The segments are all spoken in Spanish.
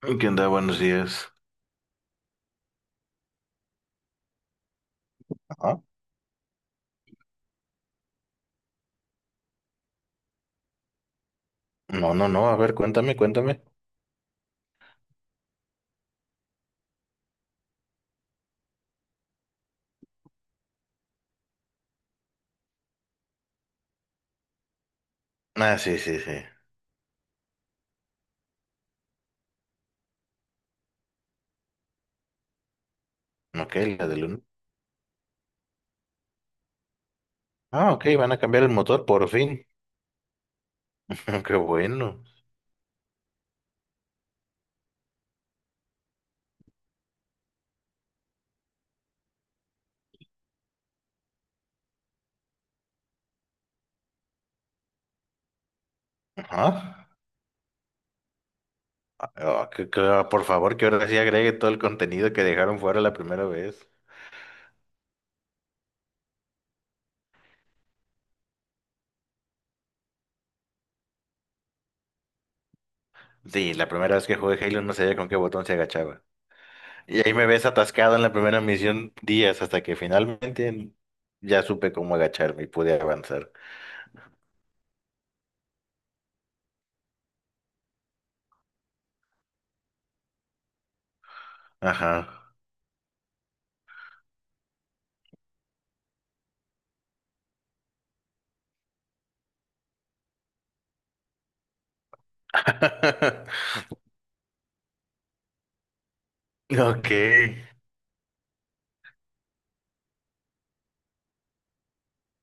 ¿Qué onda? Buenos días. Ajá. No, a ver, cuéntame. Ah, sí, sí, sí. Ok, la del uno. Ah, ok, van a cambiar el motor por fin. Qué bueno. Ajá. Ah, por favor, que ahora sí agregue todo el contenido que dejaron fuera la primera vez. Sí, la primera vez que jugué Halo no sabía con qué botón se agachaba. Y ahí me ves atascado en la primera misión días hasta que finalmente ya supe cómo agacharme y pude avanzar. Ajá. Ok.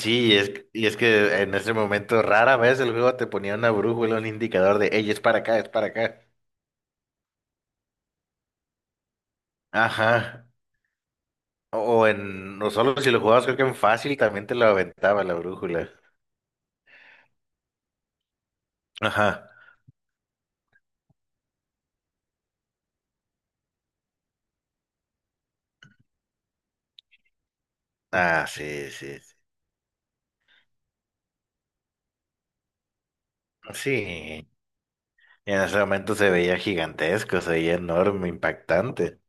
Sí, y es que en ese momento rara vez el juego te ponía una brújula, un indicador de, hey, es para acá, es para acá. Ajá. O en, no solo si lo jugabas, creo que en fácil también te lo aventaba la brújula. Ajá. Ah, sí, sí, sí. Sí. Y en ese momento se veía gigantesco, se veía enorme, impactante.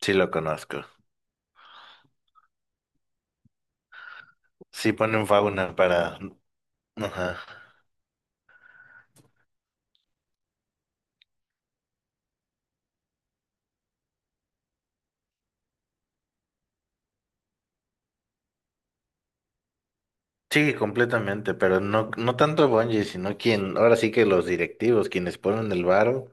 Sí, lo conozco. Sí, ponen fauna para... Ajá. Sí, completamente, pero no, no tanto Bungie, sino quien, ahora sí que los directivos, quienes ponen el varo,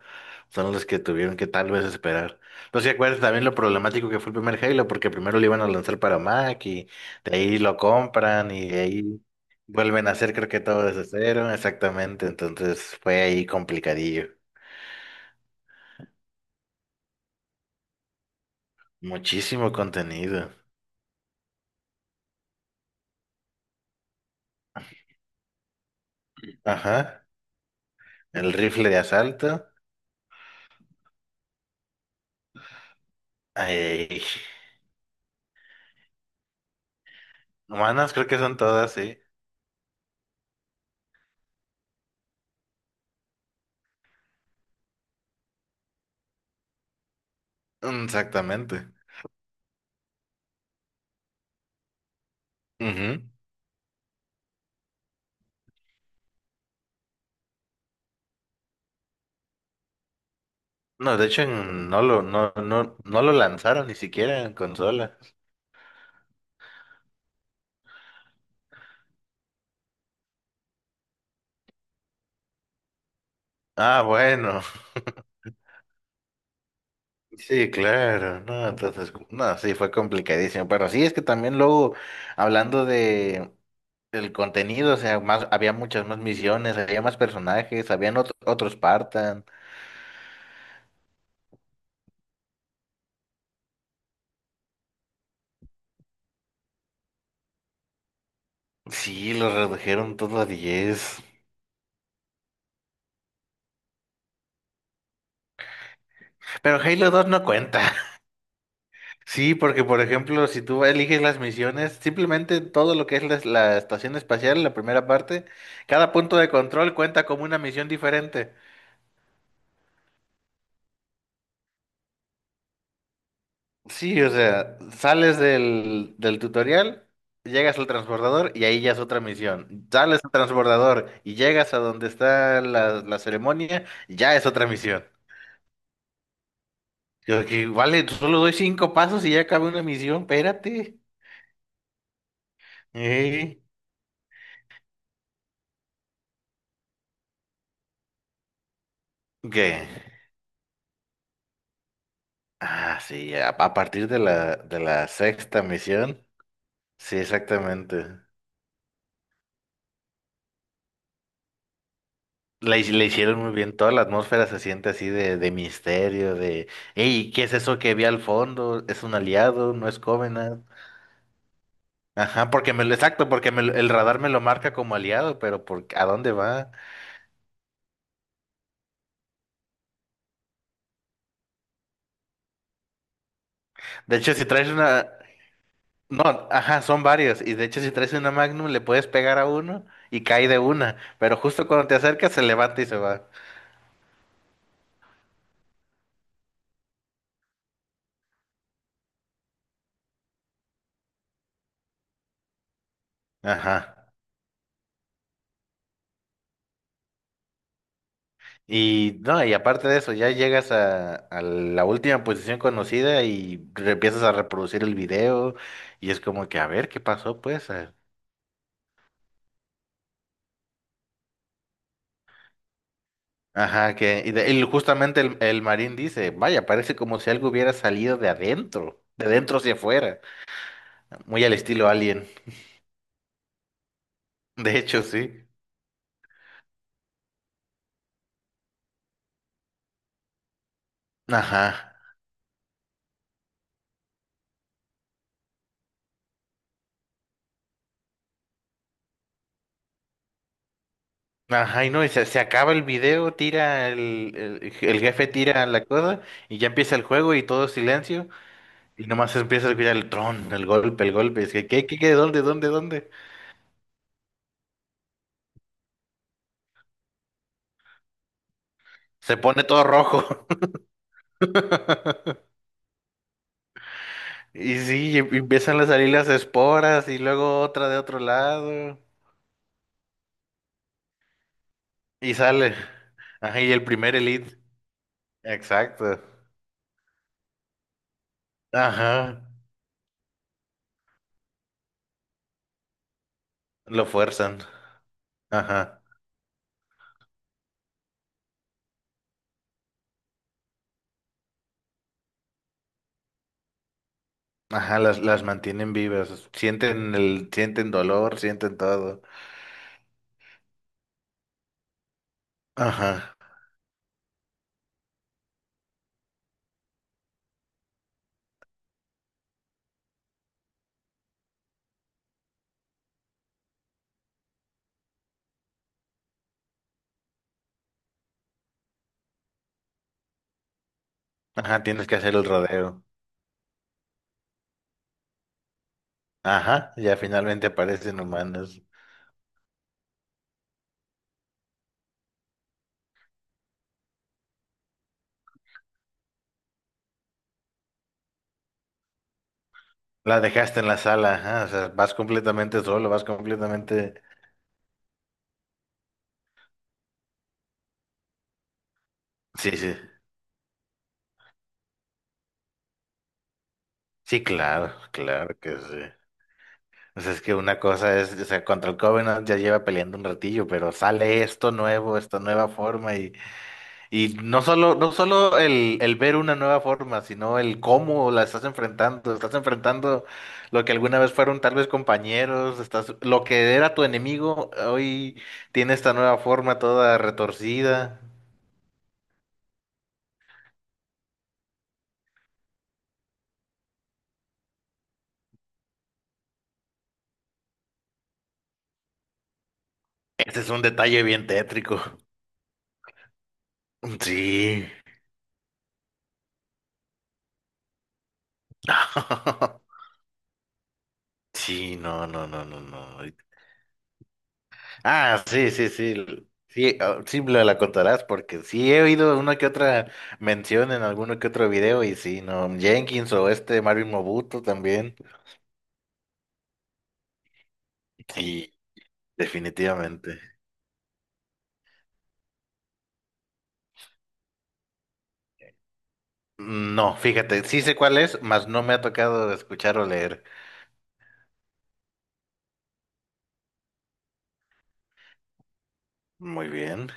son los que tuvieron que tal vez esperar. No sé si acuerdas también lo problemático que fue el primer Halo, porque primero lo iban a lanzar para Mac y de ahí lo compran y de ahí vuelven a hacer creo que todo desde cero, exactamente, entonces fue ahí complicadillo. Muchísimo contenido. Ajá, el rifle de asalto. Ay, humanas creo que son todas, sí. Exactamente. Ujú. No, de hecho no lo, no lo lanzaron ni siquiera en consola. Ah, bueno, sí, claro, no, entonces, no, sí, fue complicadísimo, pero sí, es que también luego, hablando de el contenido, o sea, más, había muchas más misiones, había más personajes, habían otros Spartan, sí, lo redujeron todo a 10, pero Halo 2 no cuenta. Sí, porque por ejemplo, si tú eliges las misiones, simplemente todo lo que es la estación espacial, la primera parte, cada punto de control cuenta como una misión diferente. Sí, o sea, sales del tutorial, llegas al transbordador y ahí ya es otra misión. Sales al transbordador y llegas a donde está la ceremonia, ya es otra misión. Yo que, vale, solo doy cinco pasos y ya acabé una misión, espérate. Eh, ¿Qué? Ah, sí, a partir de de la sexta misión. Sí, exactamente. Le hicieron muy bien, toda la atmósfera se siente así de misterio, de, hey, ¿qué es eso que vi al fondo? ¿Es un aliado? ¿No es Covenant? Ajá, porque me lo, exacto, el radar me lo marca como aliado, pero por, ¿a dónde va? De hecho, si traes una, no, ajá, son varios, y de hecho si traes una Magnum le puedes pegar a uno y cae de una, pero justo cuando te acercas se levanta y se va. Ajá. Y no, y aparte de eso, ya llegas a la última posición conocida y empiezas a reproducir el video y es como que a ver qué pasó, pues. Ajá, y justamente el marín dice, vaya, parece como si algo hubiera salido de adentro hacia afuera, muy al estilo Alien. De hecho, sí. Ajá. Ajá, y no, se acaba el video, tira el jefe tira la cosa y ya empieza el juego y todo silencio. Y nomás empieza a escuchar el tron, el golpe, el golpe. Y es que, qué? Dónde? Se pone todo rojo. Y sí, y empiezan a salir las esporas y luego otra de otro lado. Y sale. Ajá, y el primer elite. Exacto. Ajá. Lo fuerzan. Ajá. Ajá, las mantienen vivas. Sienten sienten dolor, sienten todo. Ajá. Ajá, tienes que hacer el rodeo. Ajá, ya finalmente aparecen humanos. La dejaste en la sala, ajá, o sea, vas completamente solo, vas completamente... Sí, sí, claro, claro que sí. O sea, es que una cosa es, o sea, contra el Covenant ya lleva peleando un ratillo, pero sale esto nuevo, esta nueva forma y no solo, el ver una nueva forma, sino el cómo la estás enfrentando lo que alguna vez fueron tal vez compañeros, estás, lo que era tu enemigo, hoy tiene esta nueva forma toda retorcida. Ese es un detalle bien tétrico. Sí. Sí, no. Ah, sí, sí, sí. Sí, ah, sí me la contarás porque sí he oído una que otra mención en alguno que otro video y sí, no. Jenkins o este Marvin Mobuto también. Sí, definitivamente. No, fíjate, sí sé cuál es, mas no me ha tocado escuchar o leer. Muy bien.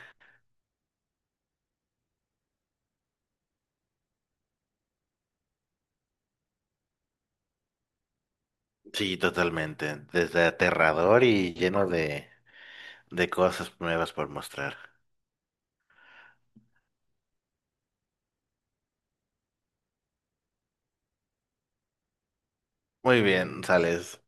Sí, totalmente. Desde aterrador y lleno de cosas nuevas por mostrar. Muy bien, sales.